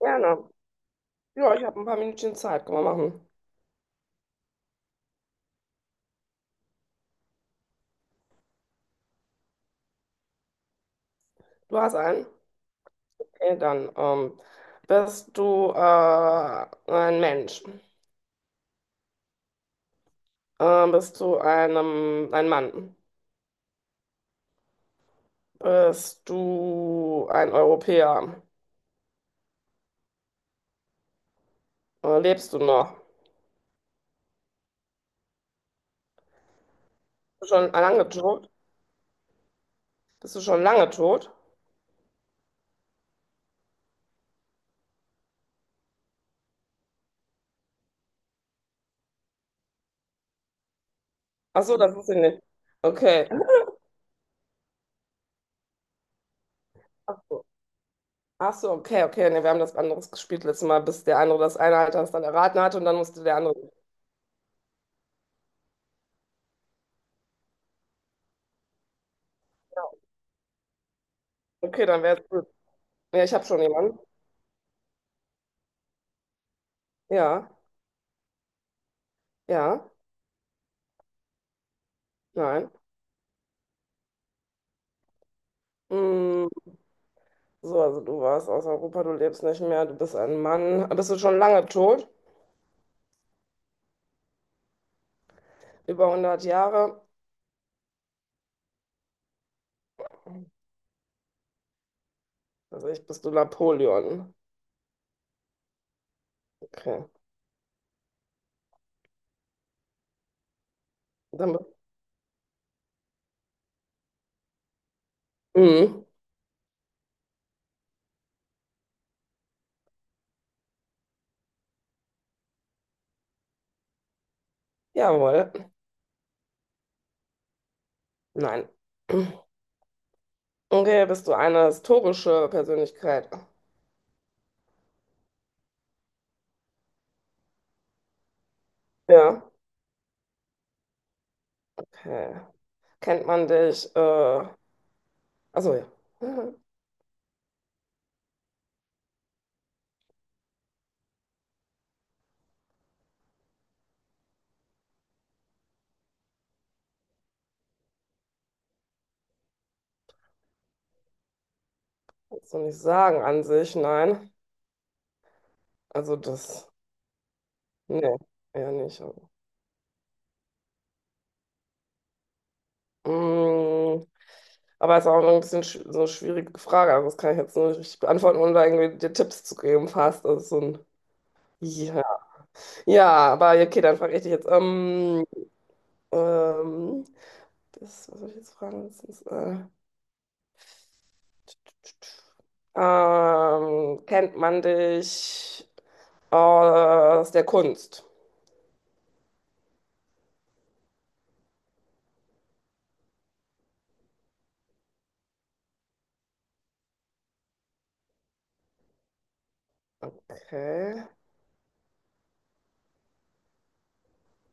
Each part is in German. Gerne. Ja, ich habe ein paar Minütchen Zeit. Können wir machen. Du hast einen? Okay, dann. Bist du ein Mensch? Bist du ein Mann? Bist du ein Europäer? Lebst du noch? Bist du schon lange tot? Bist du schon lange tot? Ach so, das wusste ich nicht. Okay. Ach so, Ach so, okay, okay. Nee, wir haben das anderes gespielt letztes Mal, bis der andere das eine Alter das dann erraten hatte und dann musste der andere. Okay, dann wär's gut. Ja, ich habe schon jemanden. Ja, ja. Nein. Mm, so, also du warst aus Europa, du lebst nicht mehr, du bist ein Mann. Bist du schon lange tot? Über 100 Jahre? Also ich bist du Napoleon. Okay. Dann, mm, jawohl. Nein. Okay, bist du eine historische Persönlichkeit? Ja. Okay. Kennt man dich? Achso, ja. Kannst du nicht sagen an sich, nein. Also das, nee, eher nicht. Mm, aber es ist auch ein bisschen so eine schwierige Frage. Also das kann ich jetzt nur nicht richtig beantworten, ohne da irgendwie dir Tipps zu geben, fast. Das ist so ein. Ja. Ja, aber ja, okay, dann frage ich dich jetzt. Ähm, das, was soll ich jetzt fragen? Kennt man dich aus der Kunst? Okay,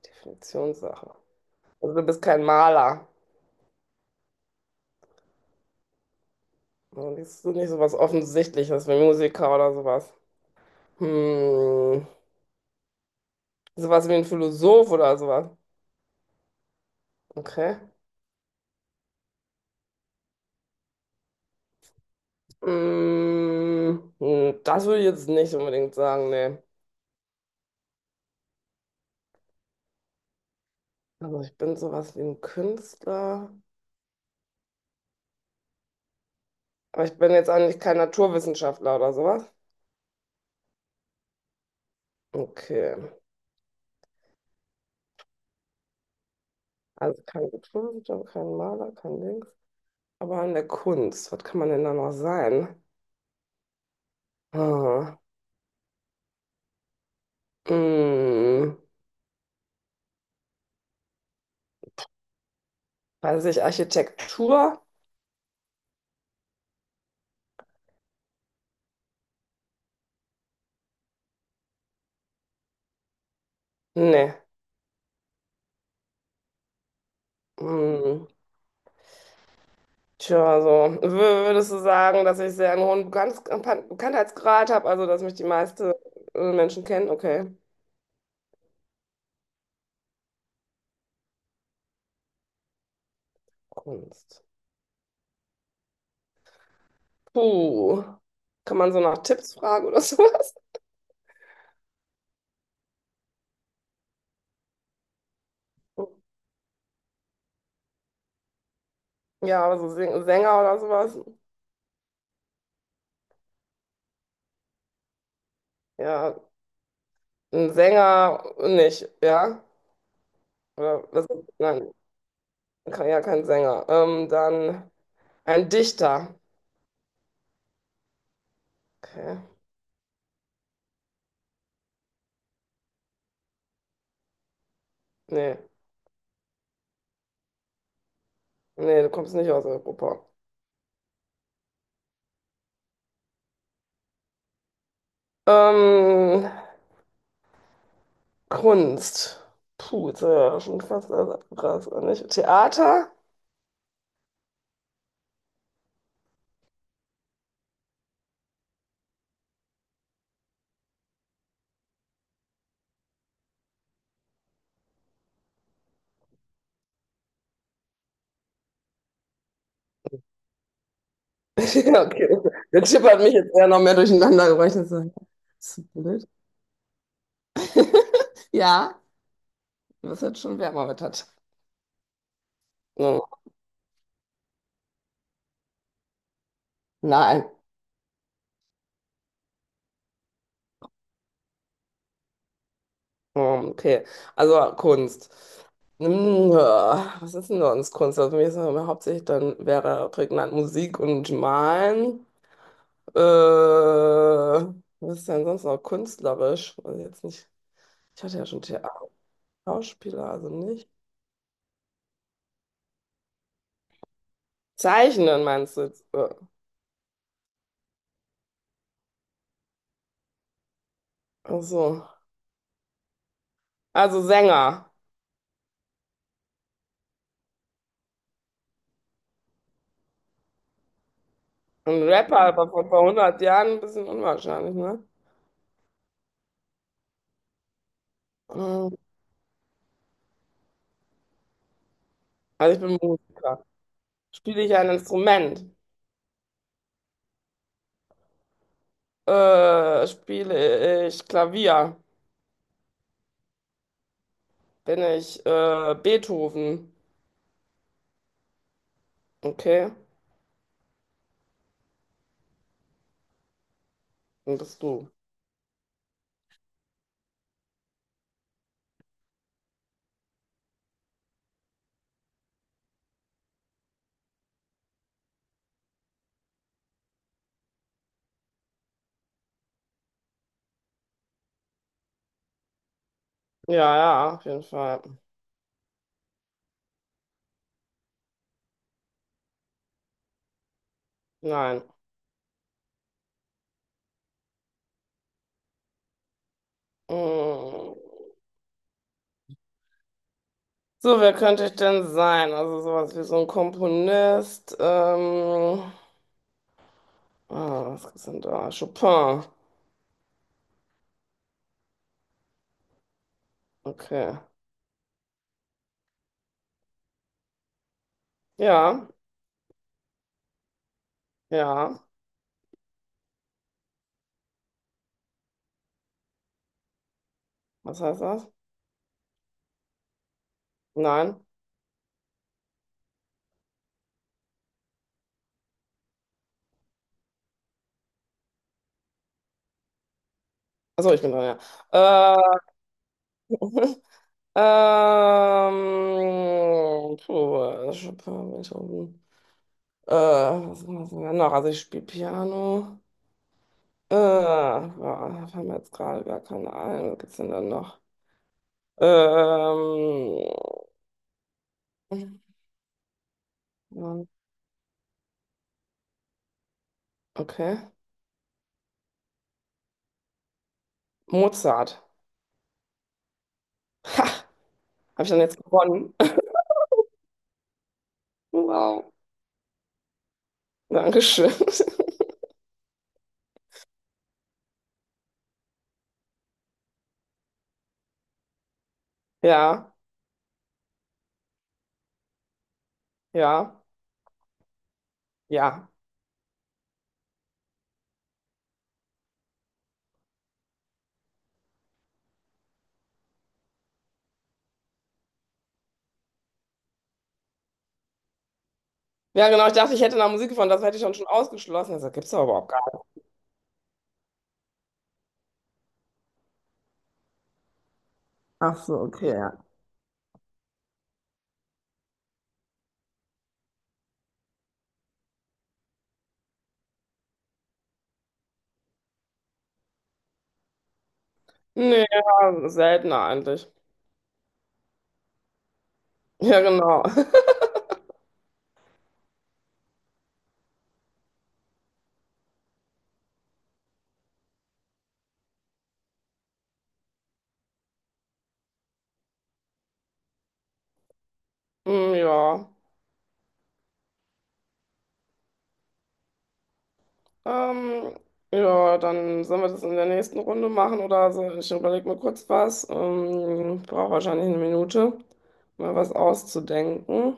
Definitionssache. Also du bist kein Maler. Also bist du nicht sowas Offensichtliches wie Musiker oder sowas. Hm, sowas wie ein Philosoph oder sowas. Okay. Mm, das würde ich jetzt nicht unbedingt sagen, nee. Also ich bin sowas wie ein Künstler, aber ich bin jetzt eigentlich kein Naturwissenschaftler oder sowas. Okay. Also kein Naturwissenschaftler, kein Maler, kein Dings. Aber in der Kunst, was kann man denn da noch sein? Hm. Mm, weiß ich, Architektur? Nee. Mm, tja, also wür- würdest du sagen, dass ich sehr einen hohen Bekanntheitsgrad habe, also dass mich die meisten Menschen kennen? Okay. Kunst. Puh. Kann man so nach Tipps fragen oder sowas? Ja, aber so Sänger oder sowas? Ja, ein Sänger nicht, ja? Oder was? Nein, ja, kein Sänger. Dann ein Dichter. Okay. Nee, nee, du kommst nicht aus Europa. Ähm, Kunst. Puh, jetzt ja schon fast alles abgegrast, oder nicht? Theater? Ja, okay. Der Tipp hat mich jetzt eher noch mehr durcheinander gebracht. Ich so, ist so blöd? Ja, das hat schon wärmer wettert. Hm, nein. Hm, okay. Also Kunst. Hm, ja, was ist denn sonst Kunst? Also für mich ist das immer hauptsächlich dann wäre prägnant Musik und Malen. Was ist denn sonst noch künstlerisch? Also jetzt nicht. Ich hatte ja schon The Schauspieler, also nicht. Zeichnen meinst du jetzt? Ach so. Also Sänger. Ein Rapper, aber von vor 100 Jahren ein bisschen unwahrscheinlich, ne? Ähm, also ich bin Musiker. Spiele ich ein Instrument? Spiele ich Klavier? Bin ich Beethoven? Okay, dann bist du. Ja, ja, auf jeden Fall. Nein. Mm. So, wer könnte ich denn sein? Also sowas wie so ein Komponist. Ah, was sind da? Chopin. Okay. Ja, ja. Was heißt das? Nein. Achso, ich bin dran, ja. Äh, puh, Chopin, Beethoven. Was machen wir denn noch? Also ich spiele Piano. Ja, da fallen mir jetzt gerade gar keine ein. Was gibt's denn dann noch? Ähm, ja, okay. Mozart. Ha! Habe ich dann jetzt gewonnen? Wow. Dankeschön. Ja, ja, ja. Ja, genau. Ich dachte, ich hätte nach Musik gefunden. Das hätte ich dann schon ausgeschlossen. Also gibt's doch überhaupt gar nicht. Ach so, okay, ja. Nee, ja, seltener eigentlich. Ja, genau. Hm, ja. Ähm, ja, dann sollen wir das in der nächsten Runde machen oder so. Ich überlege mir kurz was. Ich brauche wahrscheinlich eine Minute, mal was auszudenken.